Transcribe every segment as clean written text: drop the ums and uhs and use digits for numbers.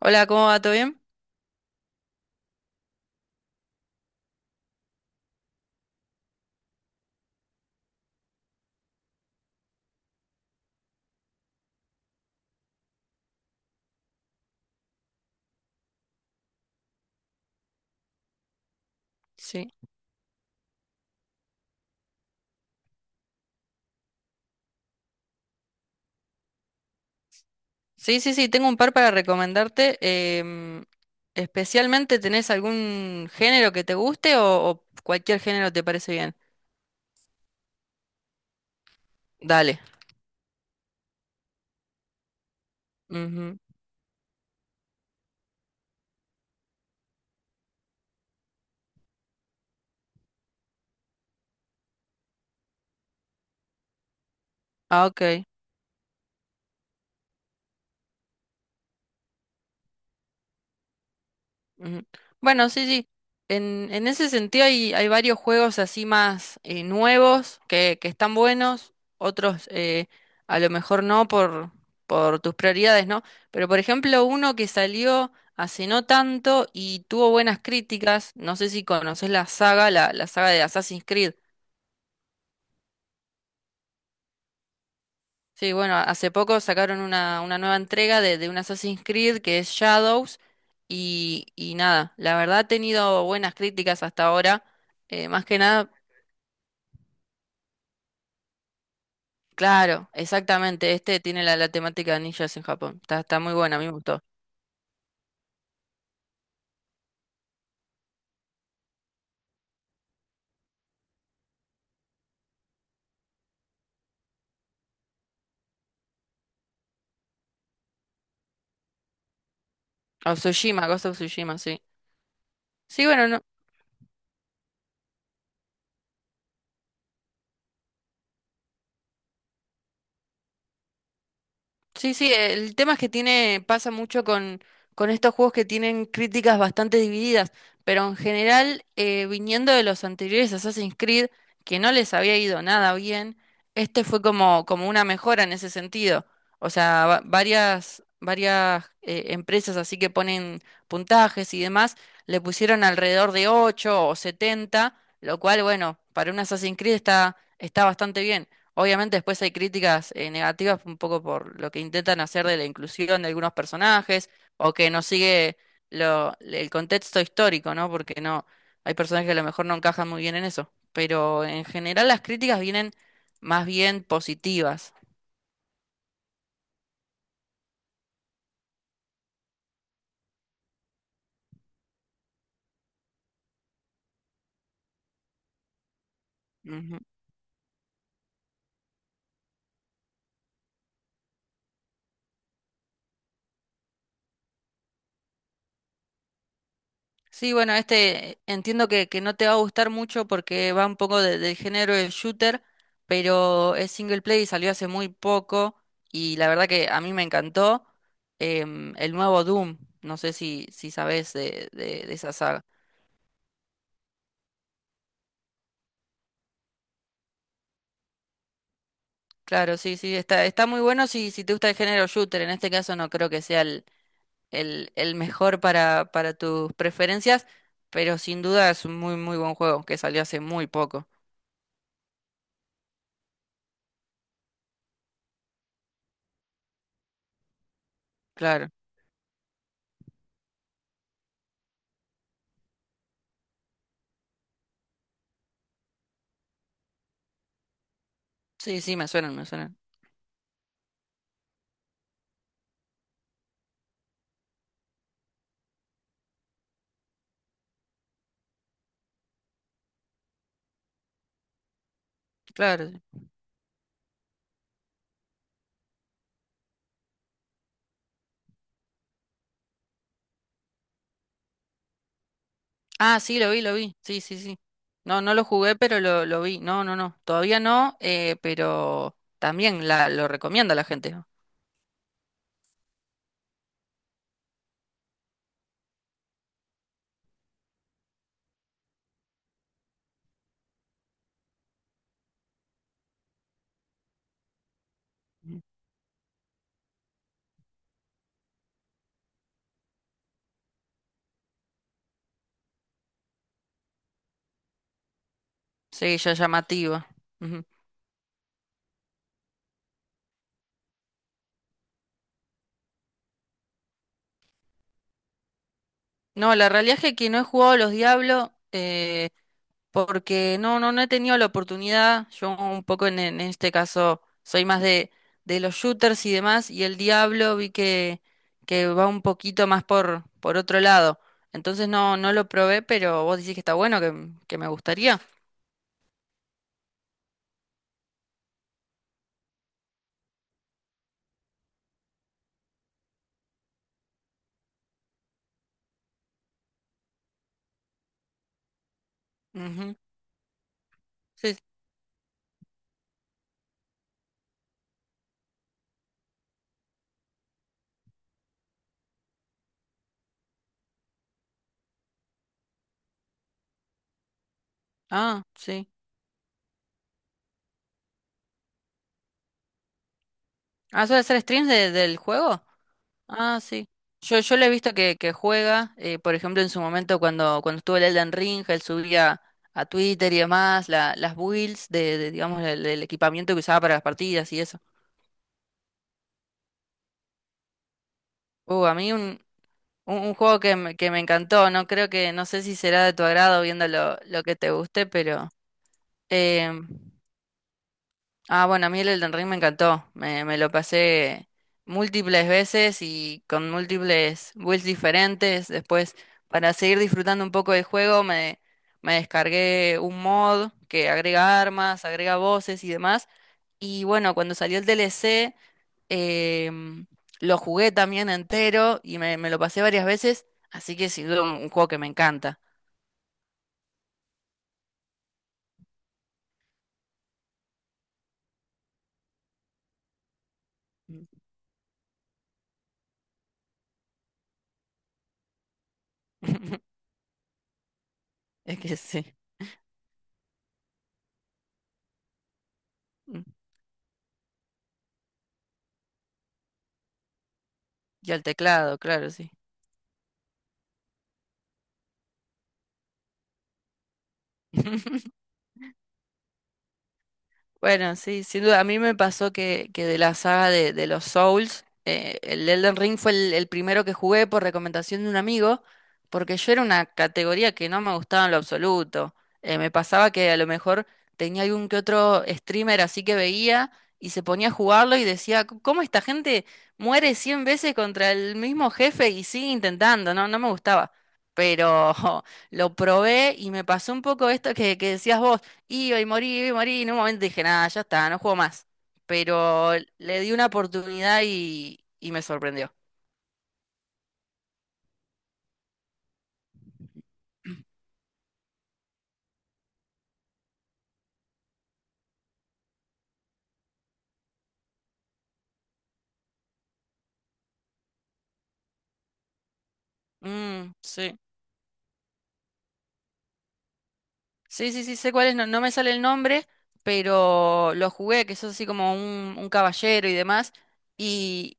Hola, ¿cómo va? ¿Todo bien? Sí. Sí, sí, sí, tengo un par para recomendarte. em, Especialmente, ¿tenés algún género que te guste o cualquier género te parece bien? Dale. Ujú. Ah, ok. Ujú. Bueno, sí, sí. En ese sentido hay, hay varios juegos así más nuevos que están buenos, otros a lo mejor no por, por tus prioridades, ¿no? Pero por ejemplo, uno que salió hace no tanto y tuvo buenas críticas, no sé si conoces la saga, la saga de Assassin's Creed. Sí, bueno, hace poco sacaron una nueva entrega de un Assassin's Creed que es Shadows y nada, la verdad ha tenido buenas críticas hasta ahora. Más que nada, claro, exactamente, este tiene la, la temática de ninjas en Japón. Está, está muy buena, a mí me gustó. O Tsushima, Ghost of Tsushima, sí. Sí, bueno, no, sí, sí, el tema es que tiene, pasa mucho con estos juegos que tienen críticas bastante divididas, pero en general, viniendo de los anteriores Assassin's Creed, que no les había ido nada bien, este fue como, como una mejora en ese sentido. O sea, varias, varias empresas así que ponen puntajes y demás, le pusieron alrededor de 8 o 70, lo cual, bueno, para un Assassin's Creed está, está bastante bien. Obviamente después hay críticas negativas un poco por lo que intentan hacer de la inclusión de algunos personajes o que no sigue lo, el contexto histórico, ¿no? Porque no hay personajes que a lo mejor no encajan muy bien en eso. Pero en general las críticas vienen más bien positivas. Sí, bueno, este entiendo que no te va a gustar mucho porque va un poco del género del shooter, pero es single play y salió hace muy poco y la verdad que a mí me encantó el nuevo Doom, no sé si, si sabes de, de esa saga. Claro, sí, sí, está, está muy bueno si, si te gusta el género shooter, en este caso no creo que sea el mejor para tus preferencias, pero sin duda es un muy, muy buen juego que salió hace muy poco. Claro, sí, sí, me suenan, me suenan. Claro. Ah, sí, lo vi, lo vi. Sí, sí, sí. No, no lo jugué, pero lo vi. No, no, no. Todavía no, pero también la, lo recomienda la gente, ¿no? Ujú. Sí, ya llamativa. Ujú. No, la realidad es que no he jugado a los Diablos porque no, no, no he tenido la oportunidad. Yo un poco en este caso soy más de los shooters y demás, y el Diablo vi que va un poquito más por otro lado. Entonces no, no lo probé, pero vos decís que está bueno, que me gustaría. Ujú. Sí. Ah, sí. Ah, suele hacer streams del juego. Ah, sí. Yo le he visto que juega, por ejemplo, en su momento cuando, cuando estuvo el Elden Ring, él subía a Twitter y demás las builds de, digamos, el equipamiento que usaba para las partidas y eso. A mí un juego que me encantó, no creo que, no sé si será de tu agrado viendo lo que te guste, pero... em, Ah, bueno, a mí el Elden Ring me encantó. Me lo pasé múltiples veces y con múltiples builds diferentes. Después, para seguir disfrutando un poco del juego, me descargué un mod que agrega armas, agrega voces y demás. Y bueno, cuando salió el DLC, em, lo jugué también entero y me lo pasé varias veces. Así que sin duda un juego que me encanta. Es que sí. Y al teclado, claro, sí. Bueno, sí, sin duda. A mí me pasó que de la saga de los Souls, el Elden Ring fue el primero que jugué por recomendación de un amigo, porque yo era una categoría que no me gustaba en lo absoluto. Me pasaba que a lo mejor tenía algún que otro streamer así que veía y se ponía a jugarlo y decía, ¿cómo esta gente muere 100 veces contra el mismo jefe y sigue intentando? No, no me gustaba. Pero lo probé y me pasó un poco esto que decías vos. Y hoy morí, y morí, y en un momento dije, nada, ya está, no juego más. Pero le di una oportunidad y me sorprendió. Mm, sí. Sí, sí, sí, sé cuál es, no, no me sale el nombre, pero lo jugué, que sos así como un caballero y demás. Y...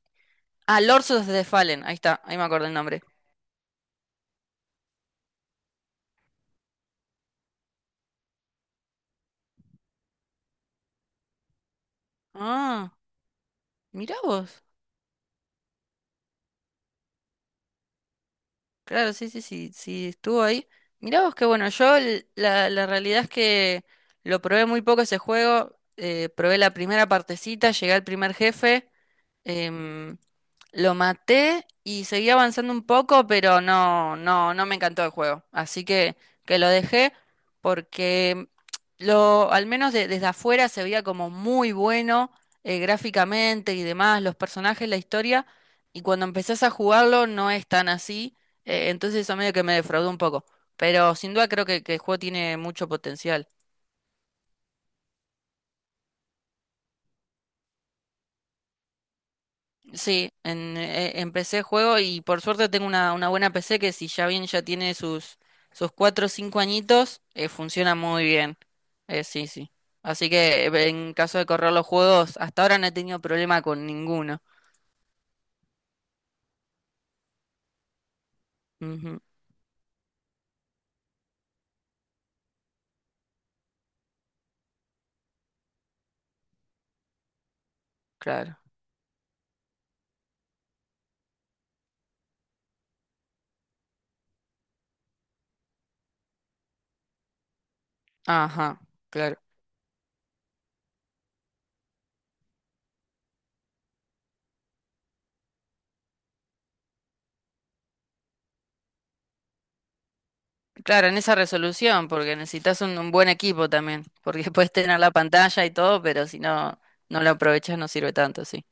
Ah, Lords of the Fallen, ahí está, ahí me acuerdo el nombre. Ah, mirá vos. Claro, sí, sí, sí, sí, estuvo ahí. Mirá vos que bueno, yo la, la realidad es que lo probé muy poco ese juego, probé la primera partecita, llegué al primer jefe, em, lo maté y seguí avanzando un poco, pero no, no, no me encantó el juego. Así que lo dejé porque lo, al menos desde afuera se veía como muy bueno, gráficamente y demás, los personajes, la historia, y cuando empezás a jugarlo no es tan así. Entonces eso medio que me defraudó un poco. Pero sin duda creo que el juego tiene mucho potencial. Sí, en, empecé el juego y por suerte tengo una buena PC que si ya bien ya tiene sus, sus 4 o 5 añitos, funciona muy bien. Sí, sí. Así que en caso de correr los juegos, hasta ahora no he tenido problema con ninguno. Ujú, claro. Ajá, claro. Claro, en esa resolución, porque necesitas un buen equipo también, porque puedes tener la pantalla y todo, pero si no, no lo aprovechas no sirve tanto, sí.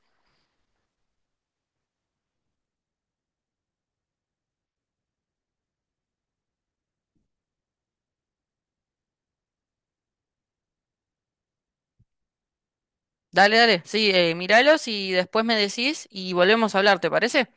Dale, dale, sí, míralos y después me decís y volvemos a hablar, ¿te parece?